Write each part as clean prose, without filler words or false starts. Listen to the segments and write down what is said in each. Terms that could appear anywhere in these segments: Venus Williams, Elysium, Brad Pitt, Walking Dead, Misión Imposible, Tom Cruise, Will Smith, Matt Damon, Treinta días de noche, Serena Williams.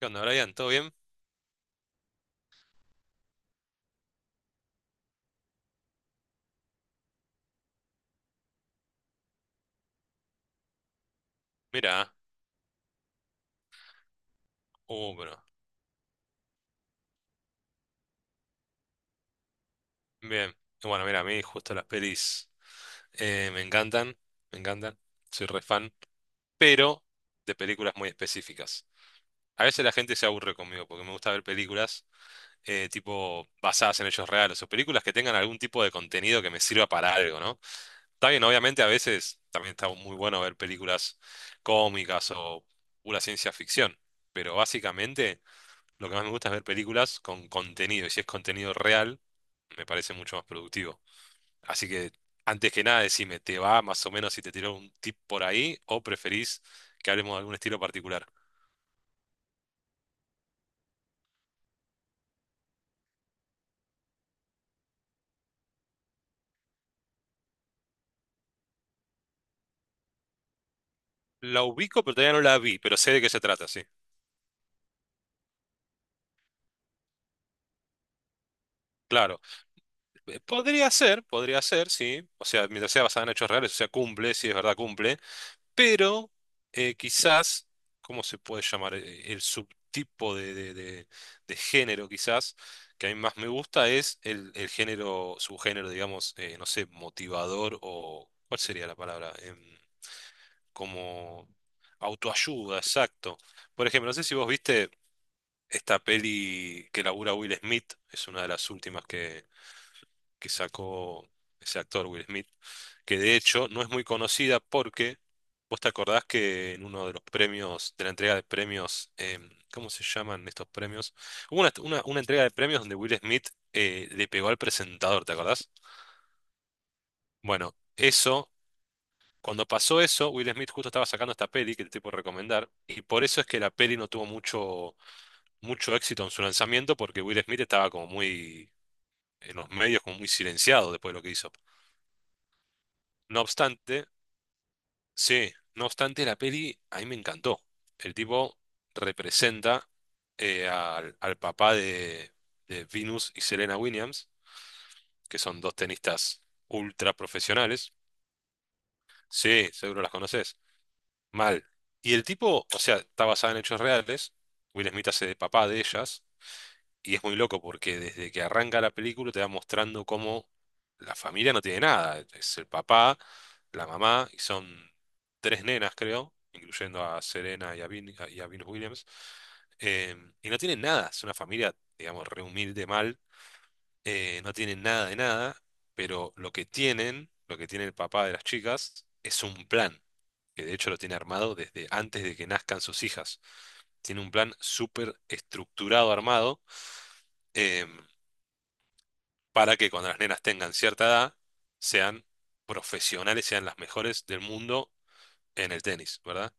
¿Qué onda, Brian? ¿Todo bien? Mira, bueno, bien. Bueno, mira, a mí justo las pelis eh, me encantan, me encantan, soy re fan, pero de películas muy específicas. A veces la gente se aburre conmigo porque me gusta ver películas tipo basadas en hechos reales o películas que tengan algún tipo de contenido que me sirva para algo, ¿no? Está bien, obviamente a veces también está muy bueno ver películas cómicas o pura ciencia ficción, pero básicamente lo que más me gusta es ver películas con contenido, y si es contenido real me parece mucho más productivo. Así que, antes que nada, decime, ¿te va más o menos si te tiro un tip por ahí o preferís que hablemos de algún estilo particular? La ubico, pero todavía no la vi, pero sé de qué se trata, sí. Claro. Podría ser, podría ser, sí. O sea, mientras sea basada en hechos reales, o sea, cumple, sí es verdad, cumple. Pero quizás, ¿cómo se puede llamar? El subtipo de género, quizás, que a mí más me gusta es el género, subgénero, digamos, no sé, motivador o, ¿cuál sería la palabra? Como autoayuda, exacto. Por ejemplo, no sé si vos viste esta peli que labura Will Smith, es una de las últimas que sacó ese actor Will Smith, que de hecho no es muy conocida porque vos te acordás que en uno de los premios, de la entrega de premios, ¿cómo se llaman estos premios? Hubo una entrega de premios donde Will Smith le pegó al presentador, ¿te acordás? Bueno, eso, cuando pasó eso, Will Smith justo estaba sacando esta peli que te puedo recomendar, y por eso es que la peli no tuvo mucho éxito en su lanzamiento, porque Will Smith estaba como muy en los medios, como muy silenciado después de lo que hizo. No obstante, Sí, no obstante, la peli a mí me encantó. El tipo representa al papá de Venus y Serena Williams, que son dos tenistas ultra profesionales. Sí, seguro las conoces. Mal. Y el tipo, o sea, está basada en hechos reales. Will Smith hace de papá de ellas. Y es muy loco porque desde que arranca la película te va mostrando cómo la familia no tiene nada. Es el papá, la mamá y son tres nenas, creo, incluyendo a Serena y a Venus Williams. eh, y no tienen nada. Es una familia, digamos, re humilde, mal no tienen nada de nada, pero lo que tienen, lo que tiene el papá de las chicas, es un plan, que de hecho lo tiene armado desde antes de que nazcan sus hijas. Tiene un plan súper estructurado, armado, em, para que cuando las nenas tengan cierta edad, sean profesionales, sean las mejores del mundo en el tenis, ¿verdad?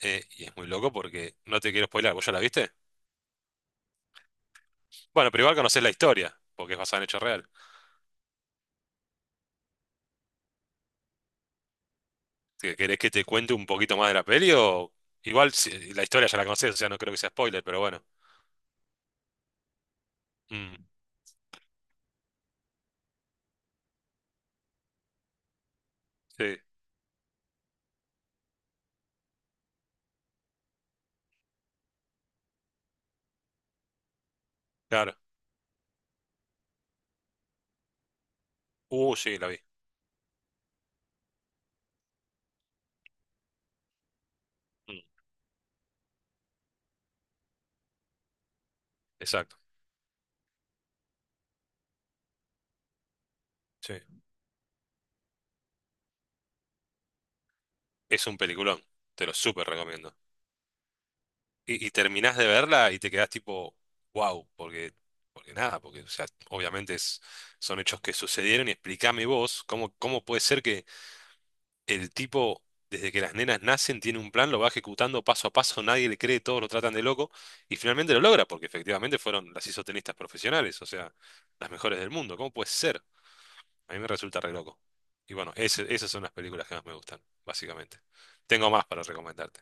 Y es muy loco porque no te quiero spoilar, ¿vos ya la viste? Bueno, pero igual conocés la historia, porque es basada en hechos reales. ¿Querés que te cuente un poquito más de la peli o igual la historia ya la conocés, o sea, no creo que sea spoiler, pero bueno. Mm, sí, claro. Sí, la vi. Mm, exacto. Sí. Es un peliculón, te lo súper recomiendo. Y terminás de verla y te quedás tipo, wow, porque nada, porque o sea, obviamente son hechos que sucedieron y explícame vos cómo puede ser el tipo, desde que las nenas nacen, tiene un plan, lo va ejecutando paso a paso, nadie le cree, todos lo tratan de loco, y finalmente lo logra, porque efectivamente fueron las isotenistas profesionales, o sea, las mejores del mundo. ¿Cómo puede ser? A mí me resulta re loco. Y bueno, esas son las películas que más me gustan, básicamente. Tengo más para recomendarte.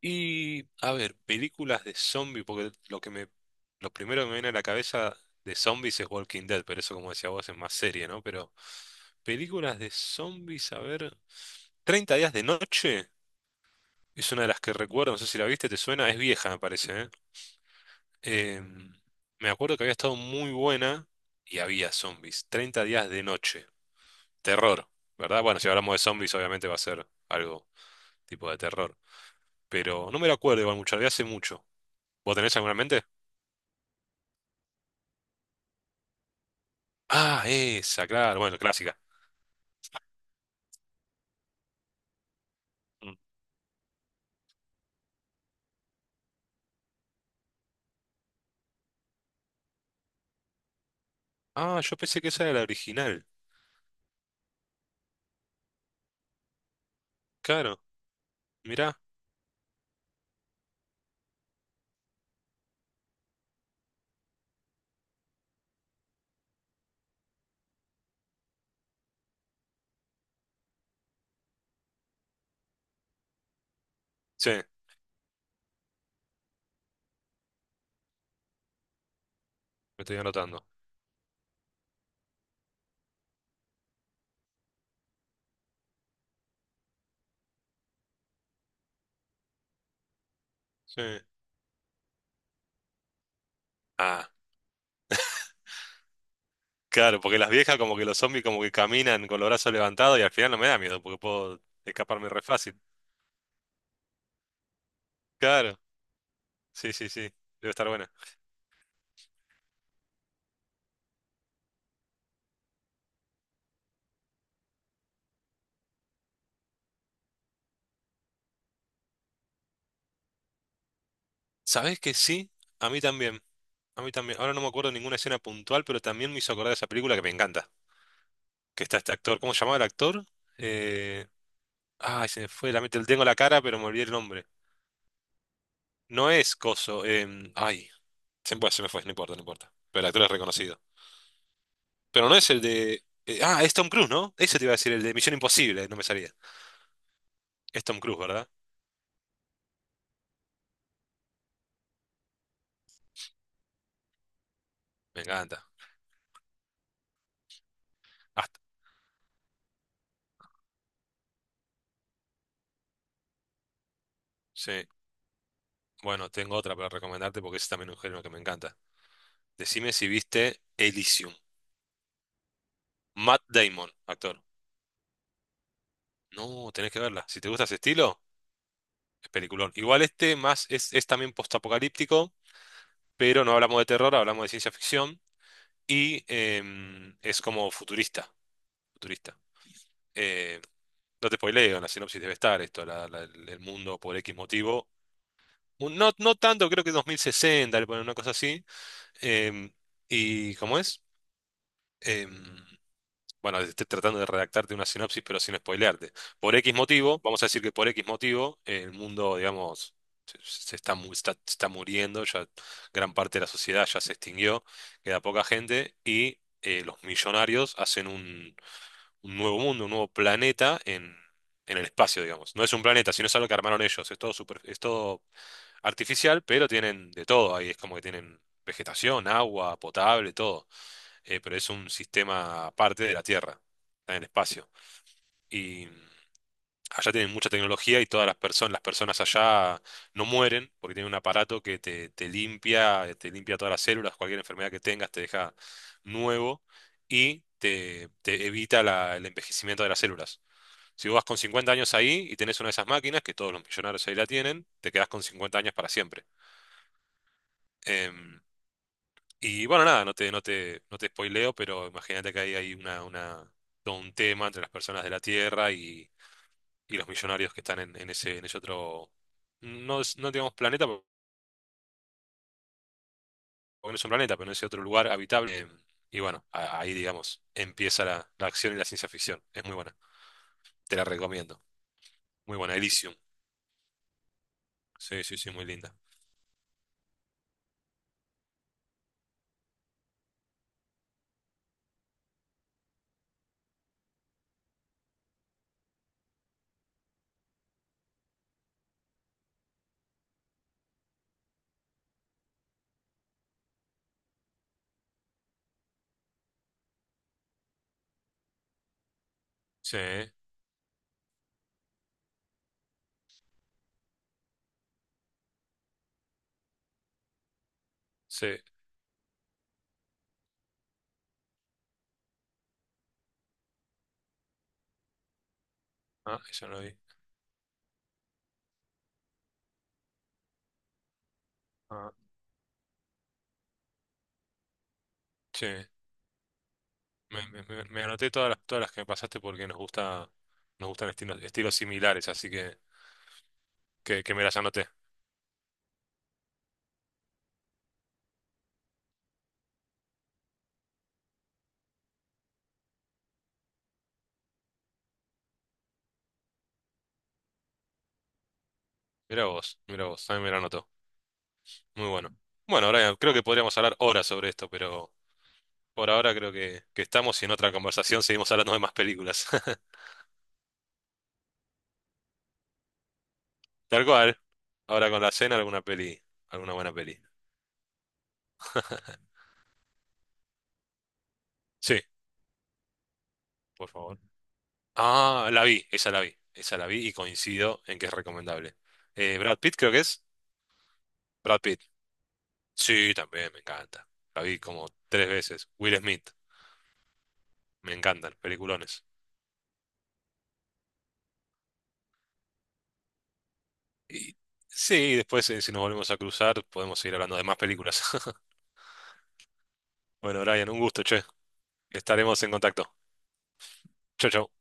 Y, a ver, películas de zombie, porque lo primero que me viene a la cabeza de zombies es Walking Dead, pero eso, como decía vos, es más serie, ¿no? Pero películas de zombies, a ver. 30 días de noche es una de las que recuerdo, no sé si la viste, te suena, es vieja, me parece, ¿eh? Em, me acuerdo que había estado muy buena y había zombies. 30 días de noche. Terror, ¿verdad? Bueno, si hablamos de zombies, obviamente va a ser algo tipo de terror. Pero no me lo acuerdo igual mucho, la vi hace mucho. ¿Vos tenés alguna en mente? Ah, esa, claro, bueno, clásica. Mm. Ah, yo pensé que esa era la original. Claro, mirá. Sí, me estoy anotando. Sí. Ah, claro, porque las viejas como que los zombies como que caminan con los brazos levantados y al final no me da miedo porque puedo escaparme re fácil. Claro, sí, sí, sí, debe estar buena. ¿Sabés que sí? A mí también, a mí también. Ahora no me acuerdo ninguna escena puntual, pero también me hizo acordar de esa película que me encanta, que está este actor, ¿cómo se llamaba el actor? Eh... Ay, se me fue, la mente, tengo la cara, pero me olvidé el nombre. No es Coso, ay, se me fue, no importa, no importa. Pero el actor es reconocido. Pero no es el de, ah, es Tom Cruise, ¿no? Ese te iba a decir, el de Misión Imposible, no me salía. Es Tom Cruise, ¿verdad? Me encanta. Hasta, sí. Bueno, tengo otra para recomendarte porque es también un género que me encanta. Decime si viste Elysium. Matt Damon, actor. No, tenés que verla. Si te gusta ese estilo, es peliculón. Igual este más es también postapocalíptico, pero no hablamos de terror, hablamos de ciencia ficción y es como futurista. Futurista. Eh, no te spoileo, en la sinopsis debe estar esto, el mundo por X motivo. No, no tanto, creo que 2060 le ponen una cosa así. Em, ¿y cómo es? em, bueno, estoy tratando de redactarte una sinopsis, pero sin spoilearte. Por X motivo, vamos a decir que por X motivo, el mundo, digamos, se está muriendo, ya gran parte de la sociedad ya se extinguió, queda poca gente, y los millonarios hacen un, nuevo mundo, un nuevo planeta en el espacio, digamos. No es un planeta, sino es algo que armaron ellos. Es todo artificial, pero tienen de todo ahí. Es como que tienen vegetación, agua, potable, todo pero es un sistema aparte de la Tierra, está en el espacio. Y allá tienen mucha tecnología y todas las personas allá no mueren porque tienen un aparato que te limpia todas las células, cualquier enfermedad que tengas te deja nuevo y te evita el envejecimiento de las células. Si vos vas con 50 años ahí y tenés una de esas máquinas, que todos los millonarios ahí la tienen, te quedás con 50 años para siempre. Em, Y bueno, nada, no te spoileo, pero imagínate que ahí hay todo un tema entre las personas de la Tierra y los millonarios que están en ese otro, no, no digamos planeta, porque no es un planeta, pero en ese otro lugar habitable. Y bueno, ahí digamos, empieza la acción y la ciencia ficción. Es muy buena, te la recomiendo. Muy buena, Elysium. Sí, sí, sí, muy linda. Sí, sí. Ah, eso no lo vi. Ah, sí. Me anoté todas las que me pasaste porque nos gusta, nos gustan estilos, estilos similares, así que... que me las anoté. Mira vos, también me la anotó. Muy bueno. Bueno, Brian, creo que podríamos hablar horas sobre esto, pero por ahora creo que estamos y en otra conversación seguimos hablando de más películas. Tal cual. Ahora con la cena, alguna peli, alguna buena peli. Sí, por favor. Ah, la vi, esa la vi, esa la vi y coincido en que es recomendable. Brad Pitt creo que es. Brad Pitt. Sí, también, me encanta. La vi como tres veces. Will Smith, me encantan, peliculones. Y, sí, después si nos volvemos a cruzar podemos seguir hablando de más películas. Bueno, Brian, un gusto, che. Estaremos en contacto. Chau, chau.